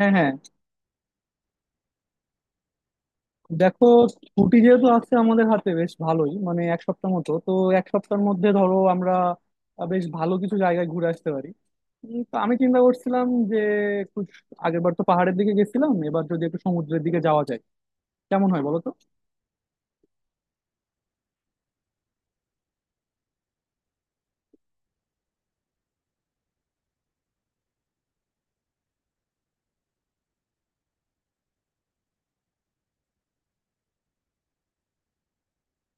হ্যাঁ, হ্যাঁ, দেখো, ছুটি যেহেতু আছে আমাদের হাতে বেশ ভালোই, মানে এক সপ্তাহ মতো তো। এক সপ্তাহের মধ্যে ধরো আমরা বেশ ভালো কিছু জায়গায় ঘুরে আসতে পারি। তো আমি চিন্তা করছিলাম যে একটু আগের বার তো পাহাড়ের দিকে গেছিলাম, এবার যদি একটু সমুদ্রের দিকে যাওয়া যায় কেমন হয় বলো তো।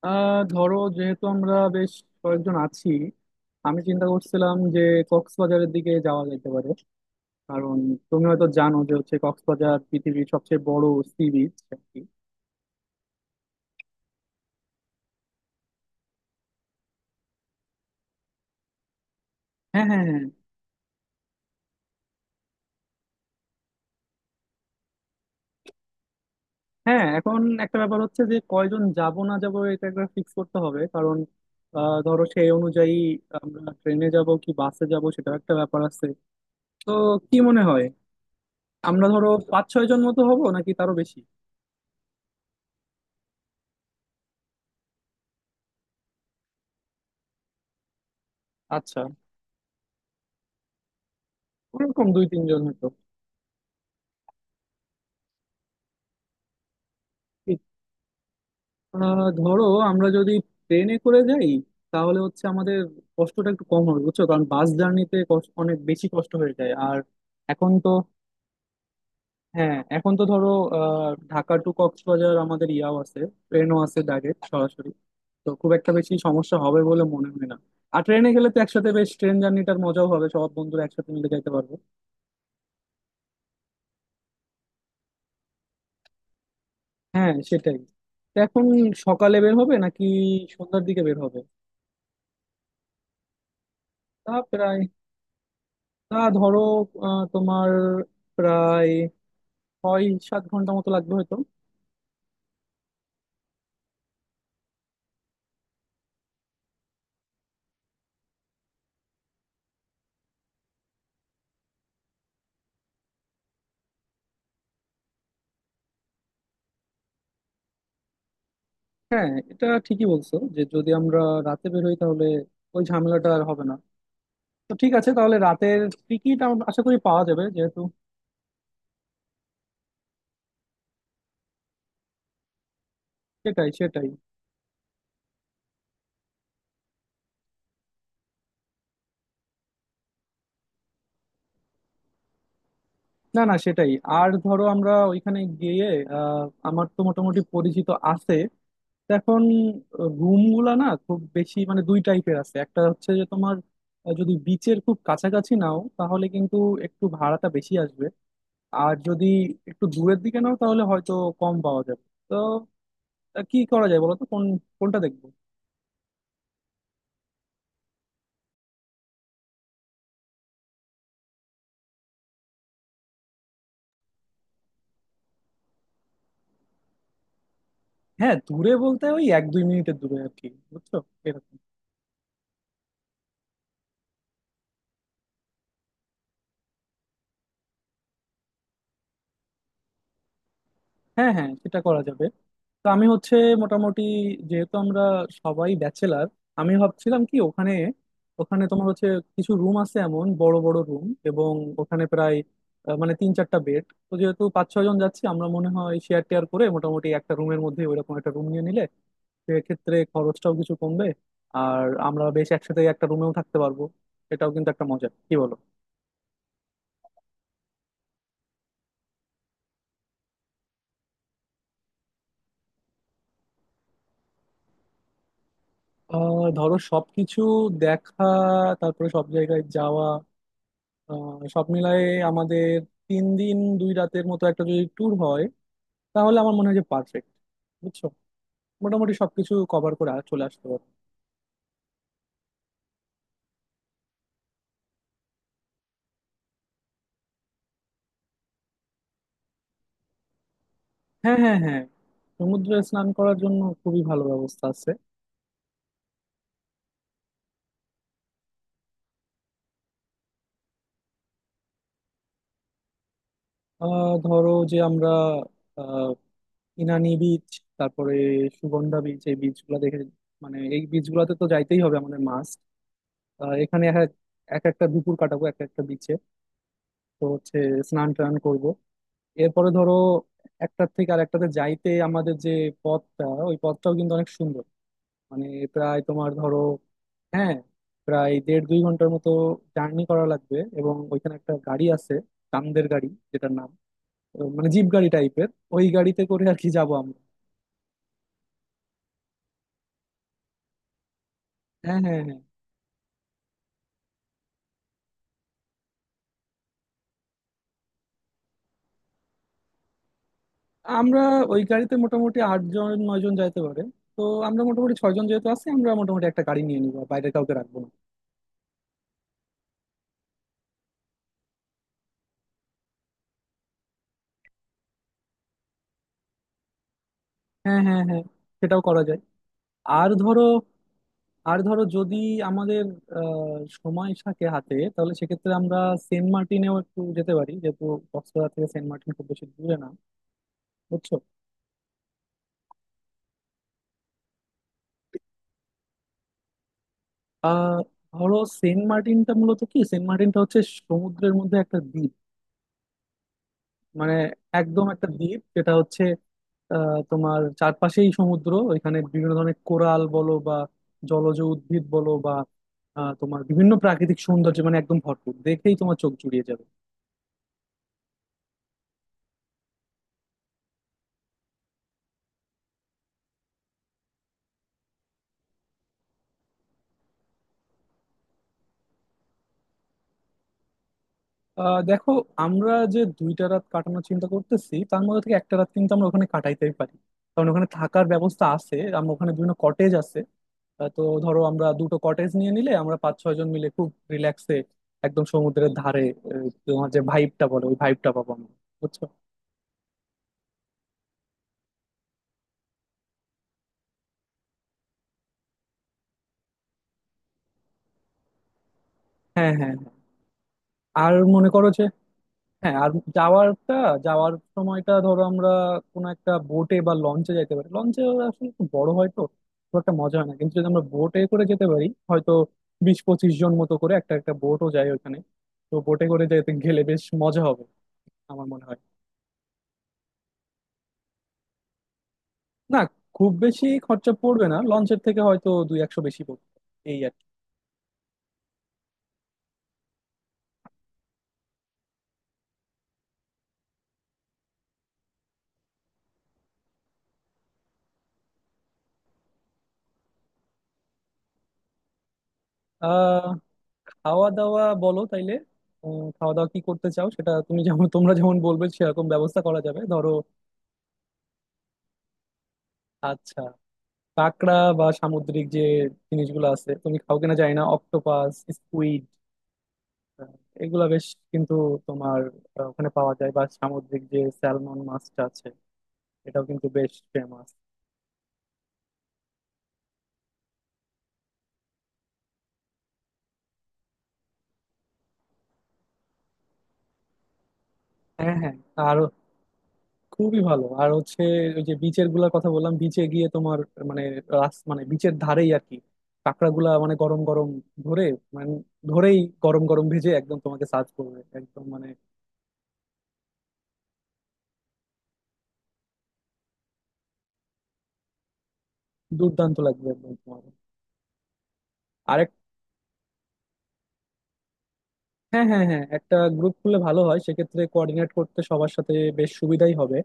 ধরো, যেহেতু আমরা বেশ কয়েকজন আছি, আমি চিন্তা করছিলাম যে কক্সবাজারের দিকে যাওয়া যেতে পারে, কারণ তুমি হয়তো জানো যে হচ্ছে কক্সবাজার পৃথিবীর সবচেয়ে বড় সি বিচ। হ্যাঁ, হ্যাঁ, হ্যাঁ, হ্যাঁ, এখন একটা ব্যাপার হচ্ছে যে কয়জন যাব না যাব এটা একটা ফিক্স করতে হবে, কারণ ধরো সেই অনুযায়ী আমরা ট্রেনে যাব কি বাসে যাব সেটাও একটা ব্যাপার আছে। তো কি মনে হয়, আমরা ধরো পাঁচ ছয় জন মতো হব নাকি তারও বেশি? আচ্ছা, ওরকম দুই তিনজন হতো। ঠিক। ধরো আমরা যদি ট্রেনে করে যাই তাহলে হচ্ছে আমাদের কষ্টটা একটু কম হবে বুঝছো, কারণ বাস জার্নিতে অনেক বেশি কষ্ট হয়ে যায়। আর এখন তো, হ্যাঁ এখন তো ধরো ঢাকা টু কক্সবাজার আমাদের ইয়াও আছে, ট্রেনও আছে ডাইরেক্ট সরাসরি। তো খুব একটা বেশি সমস্যা হবে বলে মনে হয় না। আর ট্রেনে গেলে তো একসাথে বেশ ট্রেন জার্নিটার মজাও হবে, সব বন্ধুরা একসাথে মিলে যাইতে পারবো। হ্যাঁ, সেটাই। তো এখন সকালে বের হবে নাকি সন্ধ্যার দিকে বের হবে? তা প্রায়, তা ধরো তোমার প্রায় 6-7 ঘন্টা মতো লাগবে হয়তো। হ্যাঁ, এটা ঠিকই বলছো যে যদি আমরা রাতে বের হই তাহলে ওই ঝামেলাটা আর হবে না। তো ঠিক আছে, তাহলে রাতের টিকিট আশা করি পাওয়া যাবে যেহেতু। সেটাই, সেটাই। না, না, সেটাই। আর ধরো আমরা ওইখানে গিয়ে আহ, আমার তো মোটামুটি পরিচিত আছে। তো এখন রুম গুলা না খুব বেশি মানে দুই টাইপের আছে, একটা হচ্ছে যে তোমার যদি বিচের খুব কাছাকাছি নাও তাহলে কিন্তু একটু ভাড়াটা বেশি আসবে। আর যদি একটু দূরের দিকে নাও তাহলে হয়তো কম পাওয়া যাবে তো। কি করা যায় বলো তো, কোনটা দেখবো? হ্যাঁ, দূরে বলতে ওই এক দুই মিনিটের দূরে আর কি, বুঝছো, এরকম। হ্যাঁ, হ্যাঁ, সেটা করা যাবে। তো আমি হচ্ছে মোটামুটি, যেহেতু আমরা সবাই ব্যাচেলার, আমি ভাবছিলাম কি ওখানে, ওখানে তোমার হচ্ছে কিছু রুম আছে এমন, বড় বড় রুম, এবং ওখানে প্রায় মানে তিন চারটা বেড। তো যেহেতু পাঁচ ছয় জন যাচ্ছি আমরা, মনে হয় শেয়ার টেয়ার করে মোটামুটি একটা রুমের মধ্যে ওইরকম একটা রুম নিয়ে নিলে সেক্ষেত্রে খরচটাও কিছু কমবে। আর আমরা বেশ একসাথে একটা রুমেও থাকতে পারবো। এটাও কিন্তু একটা মজা, কি বলো। ধরো সবকিছু দেখা, তারপরে সব জায়গায় যাওয়া, সব মিলায়ে আমাদের তিন দিন দুই রাতের মতো একটা যদি ট্যুর হয় তাহলে আমার মনে হয় যে পারফেক্ট। বুঝছো, মোটামুটি সবকিছু কভার করে চলে আসতে পারবো। হ্যাঁ, হ্যাঁ, হ্যাঁ, সমুদ্রে স্নান করার জন্য খুবই ভালো ব্যবস্থা আছে। ধরো যে আমরা আহ, ইনানি বিচ, তারপরে সুগন্ধা বিচ, এই বিচগুলো দেখে মানে এই বিচগুলোতে তো যাইতেই হবে আমাদের মাস্ট। এখানে এক এক এক একটা দুপুর কাটাবো এক একটা বিচে। তো হচ্ছে স্নান টান করবো। এরপরে ধরো একটার থেকে আর একটাতে যাইতে আমাদের যে পথটা, ওই পথটাও কিন্তু অনেক সুন্দর, মানে প্রায় তোমার ধরো, হ্যাঁ, প্রায় 1.5-2 ঘন্টার মতো জার্নি করা লাগবে। এবং ওইখানে একটা গাড়ি আছে, কান্দের গাড়ি যেটার নাম, ও মানে জিপ গাড়ি টাইপের, ওই গাড়িতে করে আর কি যাবো আমরা। হ্যাঁ, হ্যাঁ, হ্যাঁ, আমরা ওই গাড়িতে মোটামুটি আটজন নয়জন যাইতে পারে। তো আমরা মোটামুটি ছয়জন যেহেতু আছি, আমরা মোটামুটি একটা গাড়ি নিয়ে নিবো আর বাইরে কাউকে রাখবো না। হ্যাঁ, হ্যাঁ, হ্যাঁ, সেটাও করা যায়। আর ধরো আর ধরো যদি আমাদের আহ, সময় থাকে হাতে তাহলে সেক্ষেত্রে আমরা সেন্ট মার্টিনেও একটু যেতে পারি, যেহেতু কক্সবাজার থেকে সেন্ট মার্টিন খুব বেশি দূরে না, বুঝছো। আহ ধরো, সেন্ট মার্টিনটা মূলত কি, সেন্ট মার্টিনটা হচ্ছে সমুদ্রের মধ্যে একটা দ্বীপ, মানে একদম একটা দ্বীপ যেটা হচ্ছে তোমার চারপাশেই সমুদ্র। ওইখানে বিভিন্ন ধরনের কোরাল বলো বা জলজ উদ্ভিদ বলো বা তোমার বিভিন্ন প্রাকৃতিক সৌন্দর্য, মানে একদম ভরপুর, দেখেই তোমার চোখ জুড়িয়ে যাবে। দেখো, আমরা যে দুইটা রাত কাটানোর চিন্তা করতেছি তার মধ্যে থেকে একটা রাত কিন্তু আমরা ওখানে কাটাইতেই পারি, কারণ ওখানে থাকার ব্যবস্থা আছে, আমরা ওখানে বিভিন্ন কটেজ আছে। তো ধরো আমরা দুটো কটেজ নিয়ে নিলে আমরা পাঁচ ছয় জন মিলে খুব রিল্যাক্সে একদম সমুদ্রের ধারে তোমার যে ভাইবটা বলে ওই ভাইবটা পাবো আমরা, বুঝছো। হ্যাঁ, হ্যাঁ, হ্যাঁ। আর মনে করো যে, হ্যাঁ, আর যাওয়ারটা যাওয়ার সময়টা ধরো আমরা কোনো একটা বোটে বা লঞ্চে যেতে পারি। লঞ্চে আসলে একটু বড় হয় তো, খুব একটা মজা হয় না, কিন্তু যদি আমরা বোটে করে যেতে পারি হয়তো, 20-25 জন মতো করে একটা একটা বোটও যায় ওখানে। তো বোটে করে যেতে গেলে বেশ মজা হবে আমার মনে হয়। না, খুব বেশি খরচা পড়বে না, লঞ্চের থেকে হয়তো দুই একশো বেশি পড়বে এই আর কি। আহ খাওয়া দাওয়া বলো তাইলে, খাওয়া দাওয়া কি করতে চাও সেটা তুমি যেমন, তোমরা যেমন বলবে সেরকম ব্যবস্থা করা যাবে ধরো। আচ্ছা, কাঁকড়া বা সামুদ্রিক যে জিনিসগুলো আছে তুমি খাও কিনা জানি না, অক্টোপাস, স্কুইড, এগুলা বেশ কিন্তু তোমার ওখানে পাওয়া যায়। বা সামুদ্রিক যে স্যালমন মাছটা আছে এটাও কিন্তু বেশ ফেমাস। হ্যাঁ, হ্যাঁ, আর খুবই ভালো। আর হচ্ছে ওই যে বিচের গুলার কথা বললাম, বিচে গিয়ে তোমার, মানে রাস মানে বিচের ধারেই আর কি, কাঁকড়া গুলা মানে গরম গরম ধরে, মানে ধরেই গরম গরম ভেজে একদম তোমাকে সার্ভ করবে একদম, মানে দুর্দান্ত লাগবে একদম তোমার। হ্যাঁ, হ্যাঁ, হ্যাঁ, একটা গ্রুপ খুললে ভালো হয়, সেক্ষেত্রে কোঅর্ডিনেট করতে সবার সাথে বেশ সুবিধাই হবে।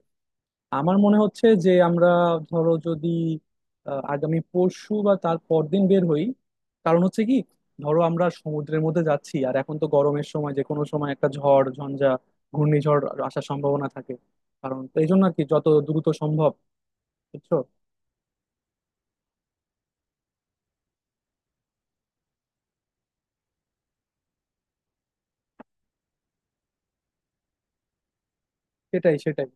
আমার মনে হচ্ছে যে আমরা ধরো যদি আগামী পরশু বা তার পরদিন বের হই, কারণ হচ্ছে কি, ধরো আমরা সমুদ্রের মধ্যে যাচ্ছি আর এখন তো গরমের সময়, যে কোনো সময় একটা ঝড় ঝঞ্ঝা, ঘূর্ণিঝড় আসার সম্ভাবনা থাকে। কারণ তো এই জন্য আর কি, যত দ্রুত সম্ভব, বুঝছো। সেটাই, সেটাই।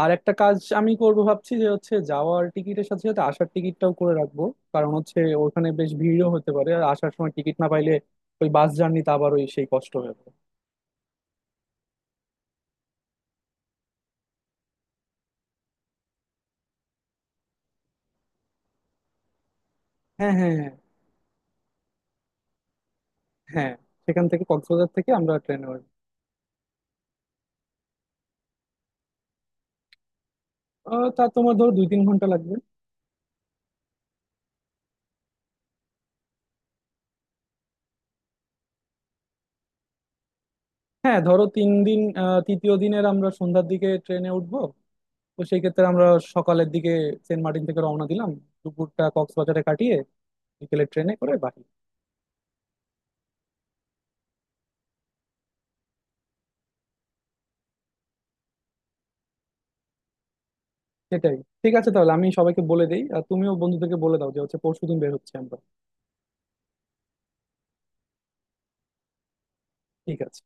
আর একটা কাজ আমি করব ভাবছি যে হচ্ছে যাওয়ার টিকিটের সাথে সাথে আসার টিকিটটাও করে রাখবো, কারণ হচ্ছে ওখানে বেশ ভিড়ও হতে পারে, আর আসার সময় টিকিট না পাইলে ওই বাস জার্নিতে আবার ওই সেই কষ্ট হয়ে যাবে। হ্যাঁ, হ্যাঁ, হ্যাঁ, হ্যাঁ, সেখান থেকে কক্সবাজার থেকে আমরা ট্রেনে উঠবো। তা তোমার ধরো 2-3 ঘন্টা লাগবে। হ্যাঁ ধরো তিন দিন, তৃতীয় দিনের আমরা সন্ধ্যার দিকে ট্রেনে উঠবো। তো সেই ক্ষেত্রে আমরা সকালের দিকে সেন্ট মার্টিন থেকে রওনা দিলাম, দুপুরটা কক্সবাজারে কাটিয়ে বিকেলে ট্রেনে করে বাড়ি। সেটাই। ঠিক আছে তাহলে আমি সবাইকে বলে দিই আর তুমিও বন্ধুদেরকে বলে দাও যে হচ্ছে পরশুদিন বের হচ্ছে আমরা। ঠিক আছে।